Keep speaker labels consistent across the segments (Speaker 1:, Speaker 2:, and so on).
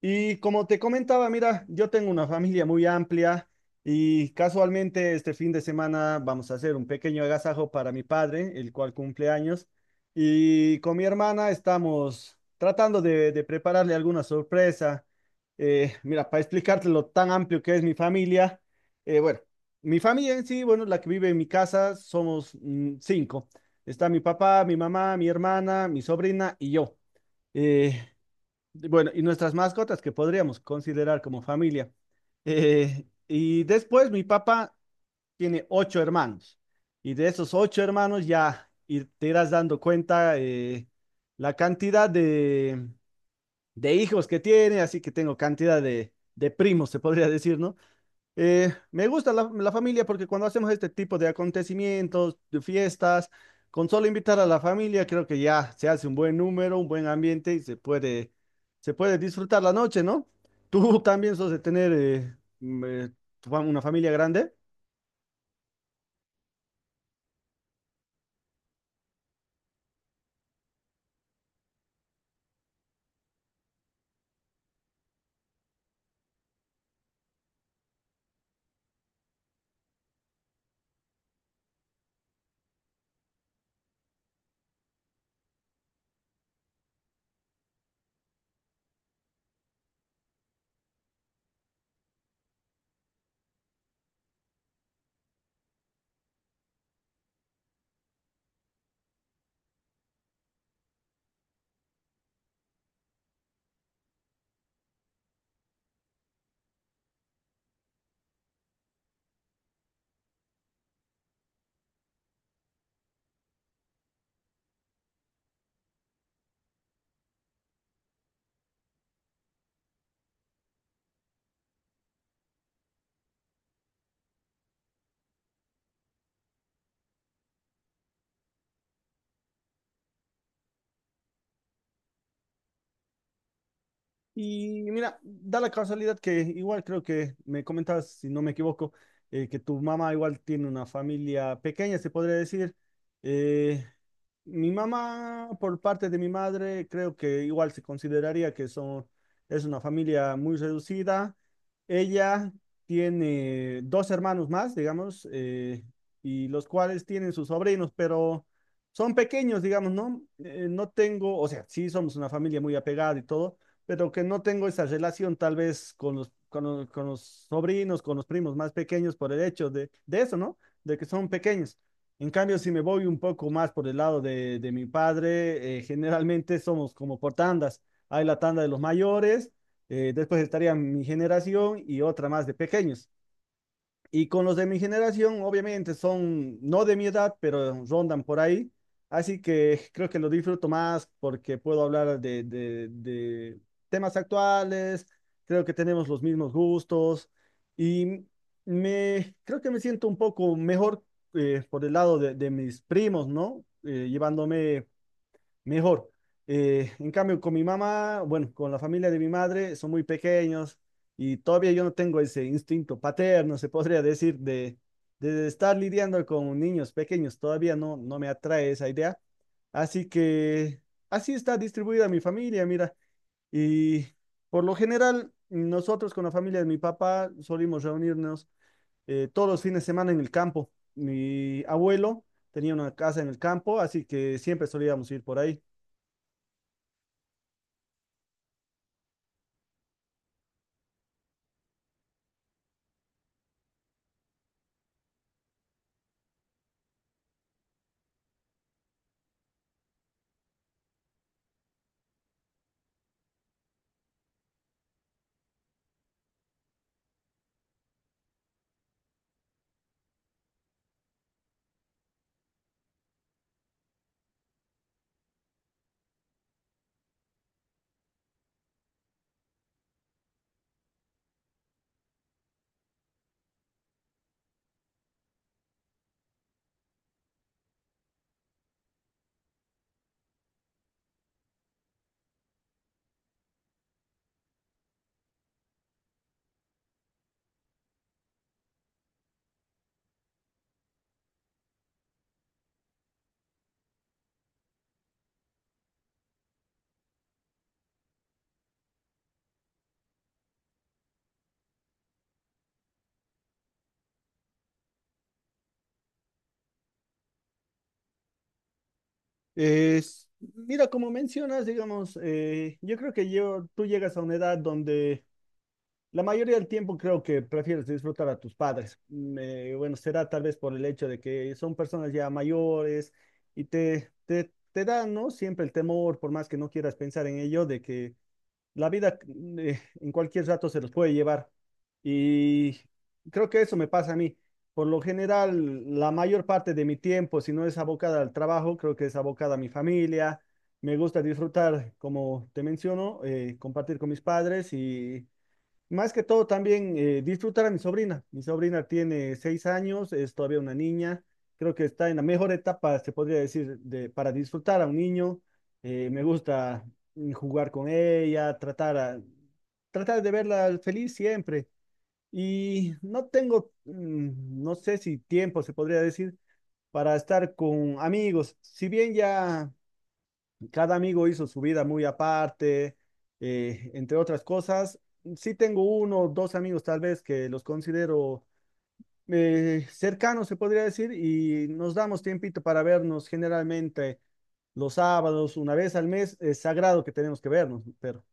Speaker 1: Y como te comentaba, mira, yo tengo una familia muy amplia y casualmente este fin de semana vamos a hacer un pequeño agasajo para mi padre, el cual cumple años, y con mi hermana estamos tratando de prepararle alguna sorpresa. Mira, para explicarte lo tan amplio que es mi familia, eh, bueno, mi familia en sí, bueno, la que vive en mi casa, somos cinco. Está mi papá, mi mamá, mi hermana, mi sobrina y yo. Eh, bueno, y nuestras mascotas que podríamos considerar como familia. Y después mi papá tiene ocho hermanos. Y de esos ocho hermanos te irás dando cuenta la cantidad de hijos que tiene, así que tengo cantidad de primos, se podría decir, ¿no? Me gusta la familia porque cuando hacemos este tipo de acontecimientos, de fiestas, con solo invitar a la familia, creo que ya se hace un buen número, un buen ambiente y se puede disfrutar la noche, ¿no? ¿Tú también sos de tener una familia grande? Y mira, da la casualidad que igual creo que me comentabas, si no me equivoco, que tu mamá igual tiene una familia pequeña, se podría decir. Eh, Mi mamá, por parte de mi madre, creo que igual se consideraría que son, es una familia muy reducida. Ella tiene dos hermanos más, digamos, y los cuales tienen sus sobrinos, pero son pequeños, digamos, ¿no? No tengo, o sea, sí somos una familia muy apegada y todo, pero que no tengo esa relación tal vez con con los sobrinos, con los primos más pequeños por el hecho de eso, ¿no? De que son pequeños. En cambio, si me voy un poco más por el lado de mi padre, generalmente somos como por tandas. Hay la tanda de los mayores, después estaría mi generación y otra más de pequeños. Y con los de mi generación, obviamente, son no de mi edad, pero rondan por ahí. Así que creo que lo disfruto más porque puedo hablar de temas actuales, creo que tenemos los mismos gustos y creo que me siento un poco mejor por el lado de mis primos, ¿no? Llevándome mejor. En cambio, con mi mamá, bueno, con la familia de mi madre, son muy pequeños y todavía yo no tengo ese instinto paterno, se podría decir, de estar lidiando con niños pequeños. Todavía no, no me atrae esa idea. Así que así está distribuida mi familia, mira. Y por lo general, nosotros con la familia de mi papá solimos reunirnos todos los fines de semana en el campo. Mi abuelo tenía una casa en el campo, así que siempre solíamos ir por ahí. Es, mira, como mencionas, digamos, yo creo que yo, tú llegas a una edad donde la mayoría del tiempo creo que prefieres disfrutar a tus padres. Bueno, será tal vez por el hecho de que son personas ya mayores y te dan, ¿no? Siempre el temor, por más que no quieras pensar en ello, de que la vida en cualquier rato se los puede llevar. Y creo que eso me pasa a mí. Por lo general, la mayor parte de mi tiempo, si no es abocada al trabajo, creo que es abocada a mi familia. Me gusta disfrutar, como te menciono, compartir con mis padres y más que todo también disfrutar a mi sobrina. Mi sobrina tiene 6 años, es todavía una niña. Creo que está en la mejor etapa, se podría decir, de, para disfrutar a un niño. Me gusta jugar con ella, tratar de verla feliz siempre. Y no tengo, no sé si tiempo, se podría decir, para estar con amigos. Si bien ya cada amigo hizo su vida muy aparte, entre otras cosas. Sí tengo uno o dos amigos tal vez que los considero cercanos, se podría decir, y nos damos tiempito para vernos generalmente los sábados, una vez al mes, es sagrado que tenemos que vernos, pero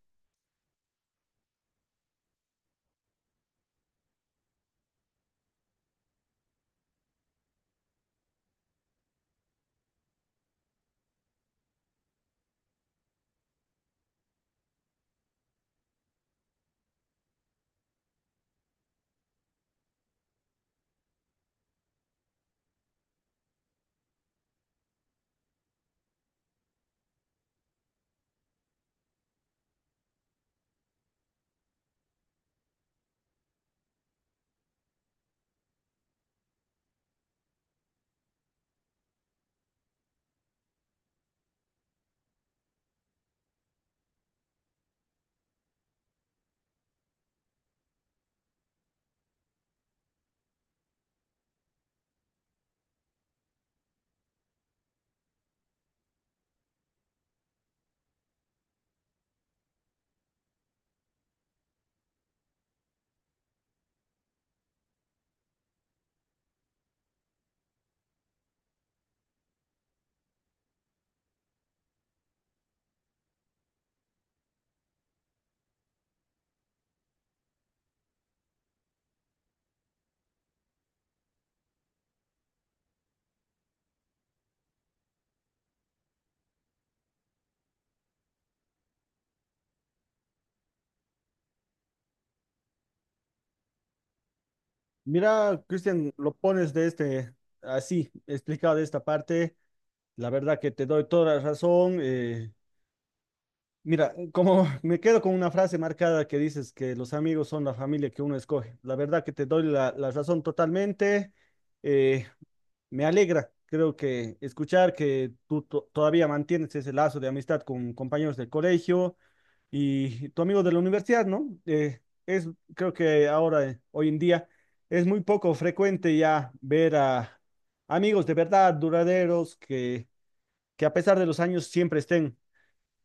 Speaker 1: mira, Cristian, lo pones de este, así, explicado de esta parte, la verdad que te doy toda la razón. Mira, como me quedo con una frase marcada que dices que los amigos son la familia que uno escoge. La verdad que te doy la razón totalmente. Eh, Me alegra, creo que escuchar que todavía mantienes ese lazo de amistad con compañeros del colegio y tu amigo de la universidad, ¿no? Es, creo que ahora, hoy en día, es muy poco frecuente ya ver a amigos de verdad, duraderos, que a pesar de los años siempre estén.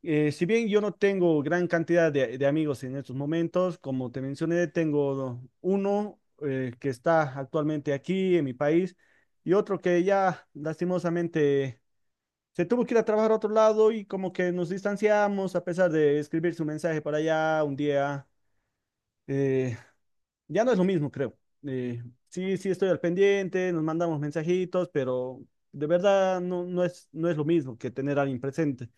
Speaker 1: Si bien yo no tengo gran cantidad de amigos en estos momentos, como te mencioné, tengo uno que está actualmente aquí en mi país y otro que ya lastimosamente se tuvo que ir a trabajar a otro lado y como que nos distanciamos a pesar de escribir su mensaje para allá un día. eh, ya no es lo mismo, creo. Eh, sí, sí estoy al pendiente, nos mandamos mensajitos, pero de verdad no es, no es lo mismo que tener a alguien presente.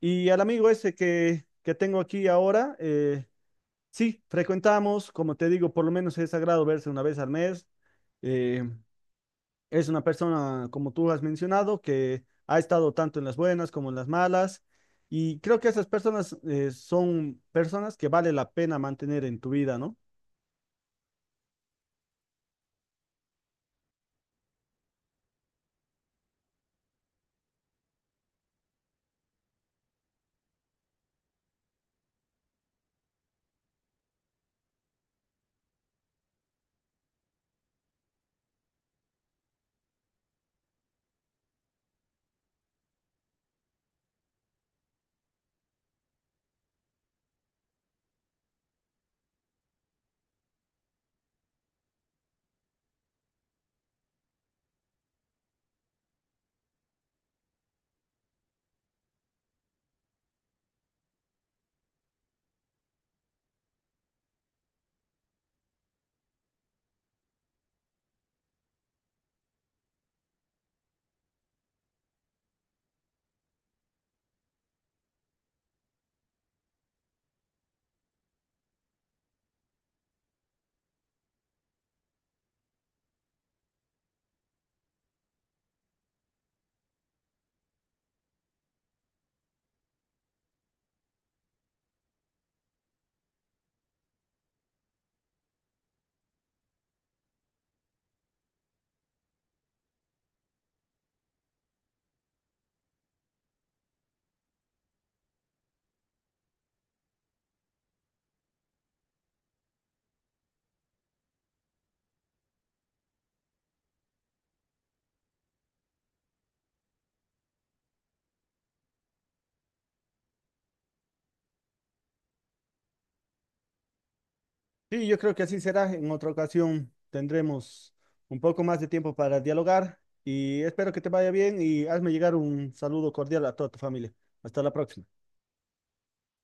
Speaker 1: Y al amigo ese que tengo aquí ahora, sí, frecuentamos, como te digo, por lo menos es sagrado verse una vez al mes. Eh, es una persona, como tú has mencionado, que ha estado tanto en las buenas como en las malas. Y creo que esas personas son personas que vale la pena mantener en tu vida, ¿no? Sí, yo creo que así será. En otra ocasión tendremos un poco más de tiempo para dialogar y espero que te vaya bien y hazme llegar un saludo cordial a toda tu familia. Hasta la próxima.